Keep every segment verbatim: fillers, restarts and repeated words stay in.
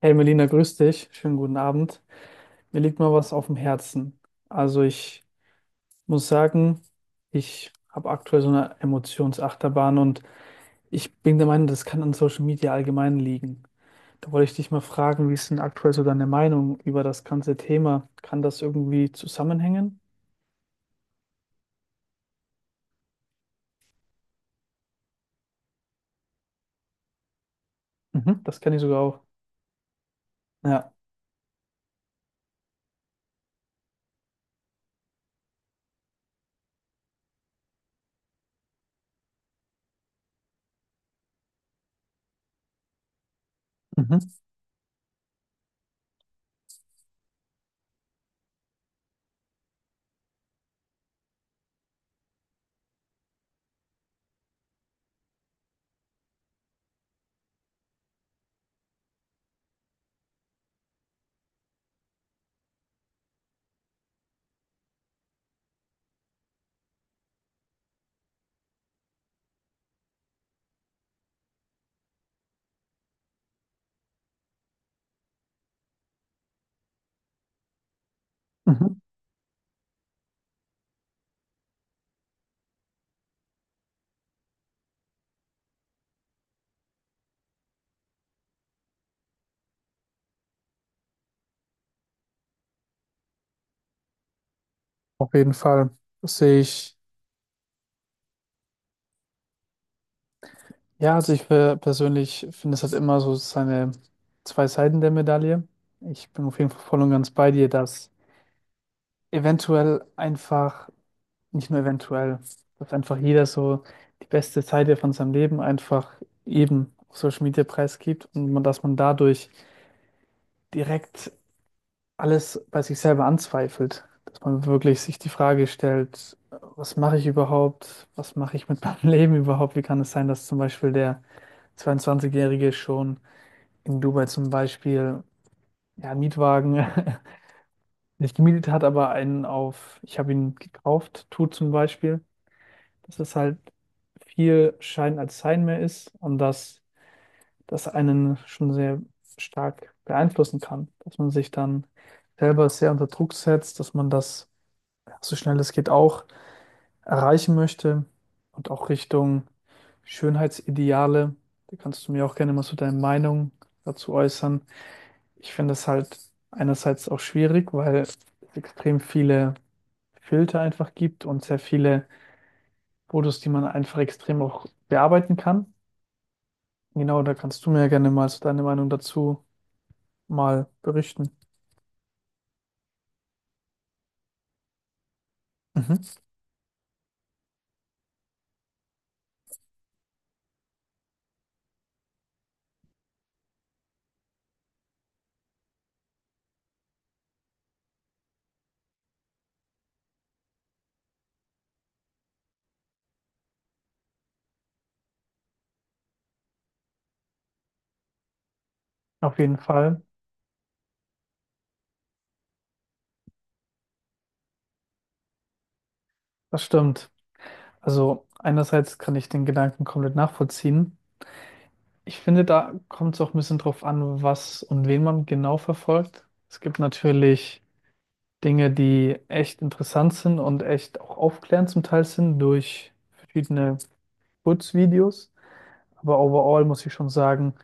Hey Melina, grüß dich. Schönen guten Abend. Mir liegt mal was auf dem Herzen. Also ich muss sagen, ich habe aktuell so eine Emotionsachterbahn und ich bin der Meinung, das kann an Social Media allgemein liegen. Da wollte ich dich mal fragen, wie ist denn aktuell so deine Meinung über das ganze Thema? Kann das irgendwie zusammenhängen? Mhm, das kenne ich sogar auch. Ja, mhm, mhm. Auf jeden Fall. Das sehe ich. Ja, also ich per- persönlich finde, es hat immer so seine zwei Seiten der Medaille. Ich bin auf jeden Fall voll und ganz bei dir, dass eventuell einfach, nicht nur eventuell, dass einfach jeder so die beste Seite von seinem Leben einfach eben auf Social Media preisgibt und man, dass man dadurch direkt alles bei sich selber anzweifelt. Dass man wirklich sich die Frage stellt, was mache ich überhaupt? Was mache ich mit meinem Leben überhaupt? Wie kann es sein, dass zum Beispiel der zweiundzwanzig-Jährige schon in Dubai zum Beispiel, ja, einen Mietwagen nicht gemietet hat, aber einen auf, ich habe ihn gekauft, tut, zum Beispiel, dass es halt viel Schein als Sein mehr ist und dass das einen schon sehr stark beeinflussen kann, dass man sich dann selber sehr unter Druck setzt, dass man das, ja, so schnell es geht auch erreichen möchte und auch Richtung Schönheitsideale. Da kannst du mir auch gerne mal so deine Meinung dazu äußern. Ich finde es halt einerseits auch schwierig, weil es extrem viele Filter einfach gibt und sehr viele Fotos, die man einfach extrem auch bearbeiten kann. Genau, da kannst du mir ja gerne mal so deine Meinung dazu mal berichten. Mhm. Auf jeden Fall, das stimmt. Also einerseits kann ich den Gedanken komplett nachvollziehen. Ich finde, da kommt es auch ein bisschen drauf an, was und wen man genau verfolgt. Es gibt natürlich Dinge, die echt interessant sind und echt auch aufklärend zum Teil sind durch verschiedene Kurzvideos. Aber overall muss ich schon sagen,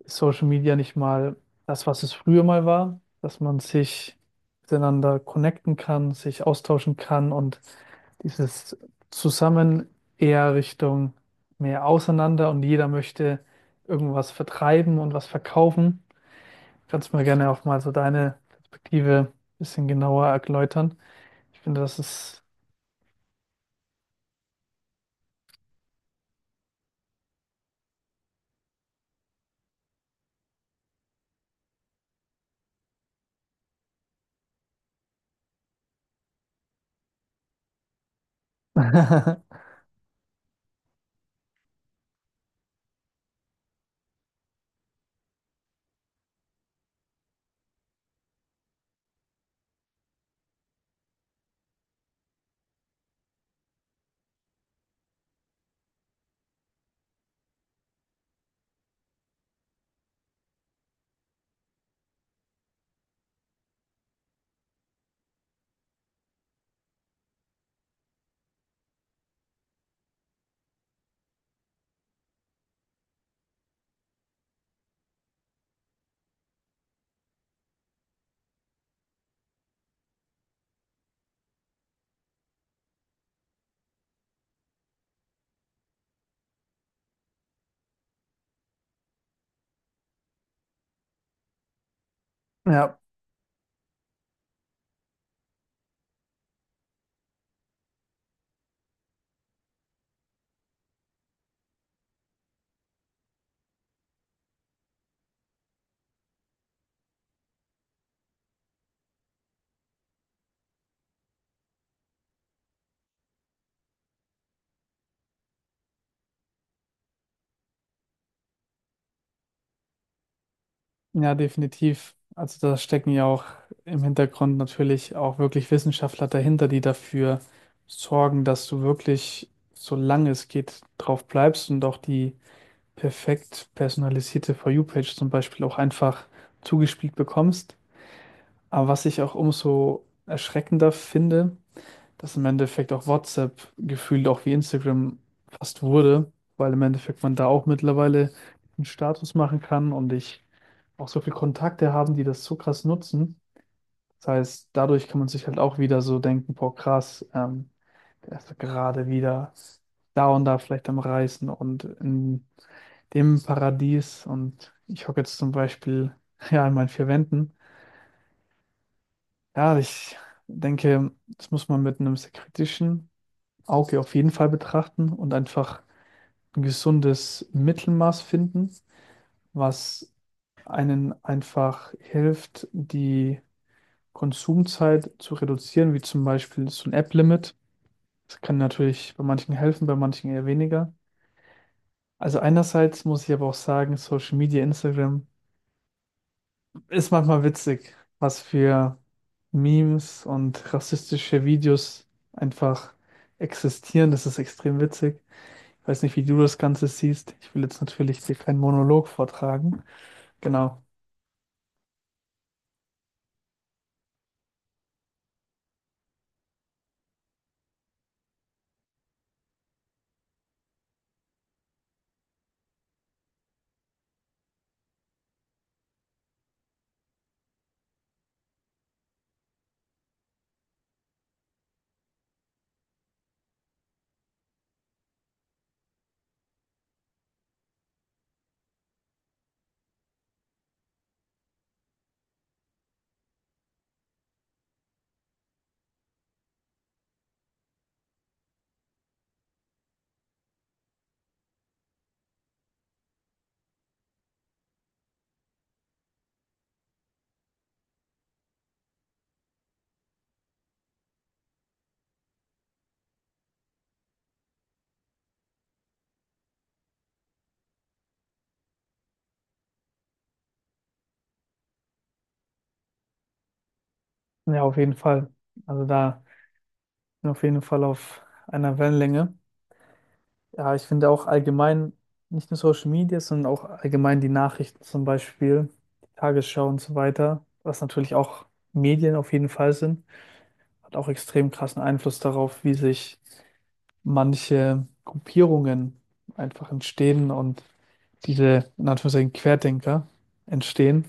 ist Social Media nicht mal das, was es früher mal war, dass man sich miteinander connecten kann, sich austauschen kann und dieses Zusammen eher Richtung mehr auseinander und jeder möchte irgendwas vertreiben und was verkaufen. Kannst du mir gerne auch mal so deine Perspektive ein bisschen genauer erläutern? Ich finde, das ist ja, ja, definitiv. Also da stecken ja auch im Hintergrund natürlich auch wirklich Wissenschaftler dahinter, die dafür sorgen, dass du wirklich, solange es geht, drauf bleibst und auch die perfekt personalisierte For You-Page zum Beispiel auch einfach zugespielt bekommst. Aber was ich auch umso erschreckender finde, dass im Endeffekt auch WhatsApp gefühlt auch wie Instagram fast wurde, weil im Endeffekt man da auch mittlerweile einen Status machen kann und ich auch so viele Kontakte haben, die das so krass nutzen. Das heißt, dadurch kann man sich halt auch wieder so denken, boah, krass, ähm, der ist doch gerade wieder da und da vielleicht am Reisen und in dem Paradies und ich hocke jetzt zum Beispiel ja in meinen vier Wänden. Ja, ich denke, das muss man mit einem sehr kritischen Auge auf jeden Fall betrachten und einfach ein gesundes Mittelmaß finden, was einen einfach hilft, die Konsumzeit zu reduzieren, wie zum Beispiel so ein App-Limit. Das kann natürlich bei manchen helfen, bei manchen eher weniger. Also einerseits muss ich aber auch sagen, Social Media, Instagram ist manchmal witzig, was für Memes und rassistische Videos einfach existieren. Das ist extrem witzig. Ich weiß nicht, wie du das Ganze siehst. Ich will jetzt natürlich dir keinen Monolog vortragen. Genau. Ja, auf jeden Fall. Also da bin ich auf jeden Fall auf einer Wellenlänge. Ja, ich finde auch allgemein, nicht nur Social Media, sondern auch allgemein die Nachrichten zum Beispiel, die Tagesschau und so weiter, was natürlich auch Medien auf jeden Fall sind, hat auch extrem krassen Einfluss darauf, wie sich manche Gruppierungen einfach entstehen und diese, in Anführungszeichen, Querdenker entstehen,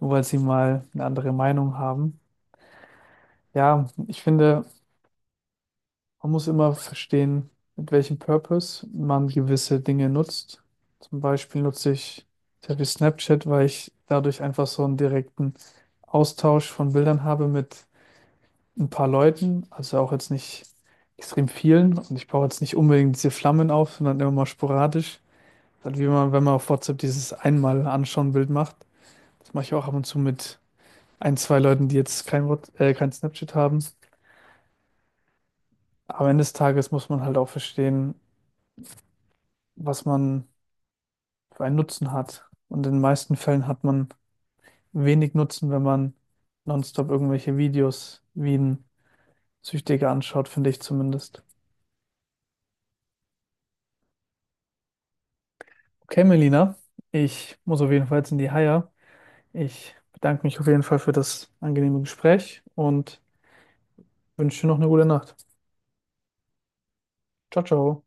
nur weil sie mal eine andere Meinung haben. Ja, ich finde, man muss immer verstehen, mit welchem Purpose man gewisse Dinge nutzt. Zum Beispiel nutze ich sehr viel Snapchat, weil ich dadurch einfach so einen direkten Austausch von Bildern habe mit ein paar Leuten, also auch jetzt nicht extrem vielen. Und ich baue jetzt nicht unbedingt diese Flammen auf, sondern immer mal sporadisch. Dann wie man, wenn man auf WhatsApp dieses einmal anschauen Bild macht. Das mache ich auch ab und zu mit ein, zwei Leuten, die jetzt kein What, äh, kein Snapchat haben. Am Ende des Tages muss man halt auch verstehen, was man für einen Nutzen hat. Und in den meisten Fällen hat man wenig Nutzen, wenn man nonstop irgendwelche Videos wie ein Süchtiger anschaut, finde ich zumindest. Okay, Melina, ich muss auf jeden Fall jetzt in die Haia. Ich bedanke mich auf jeden Fall für das angenehme Gespräch und wünsche dir noch eine gute Nacht. Ciao, ciao.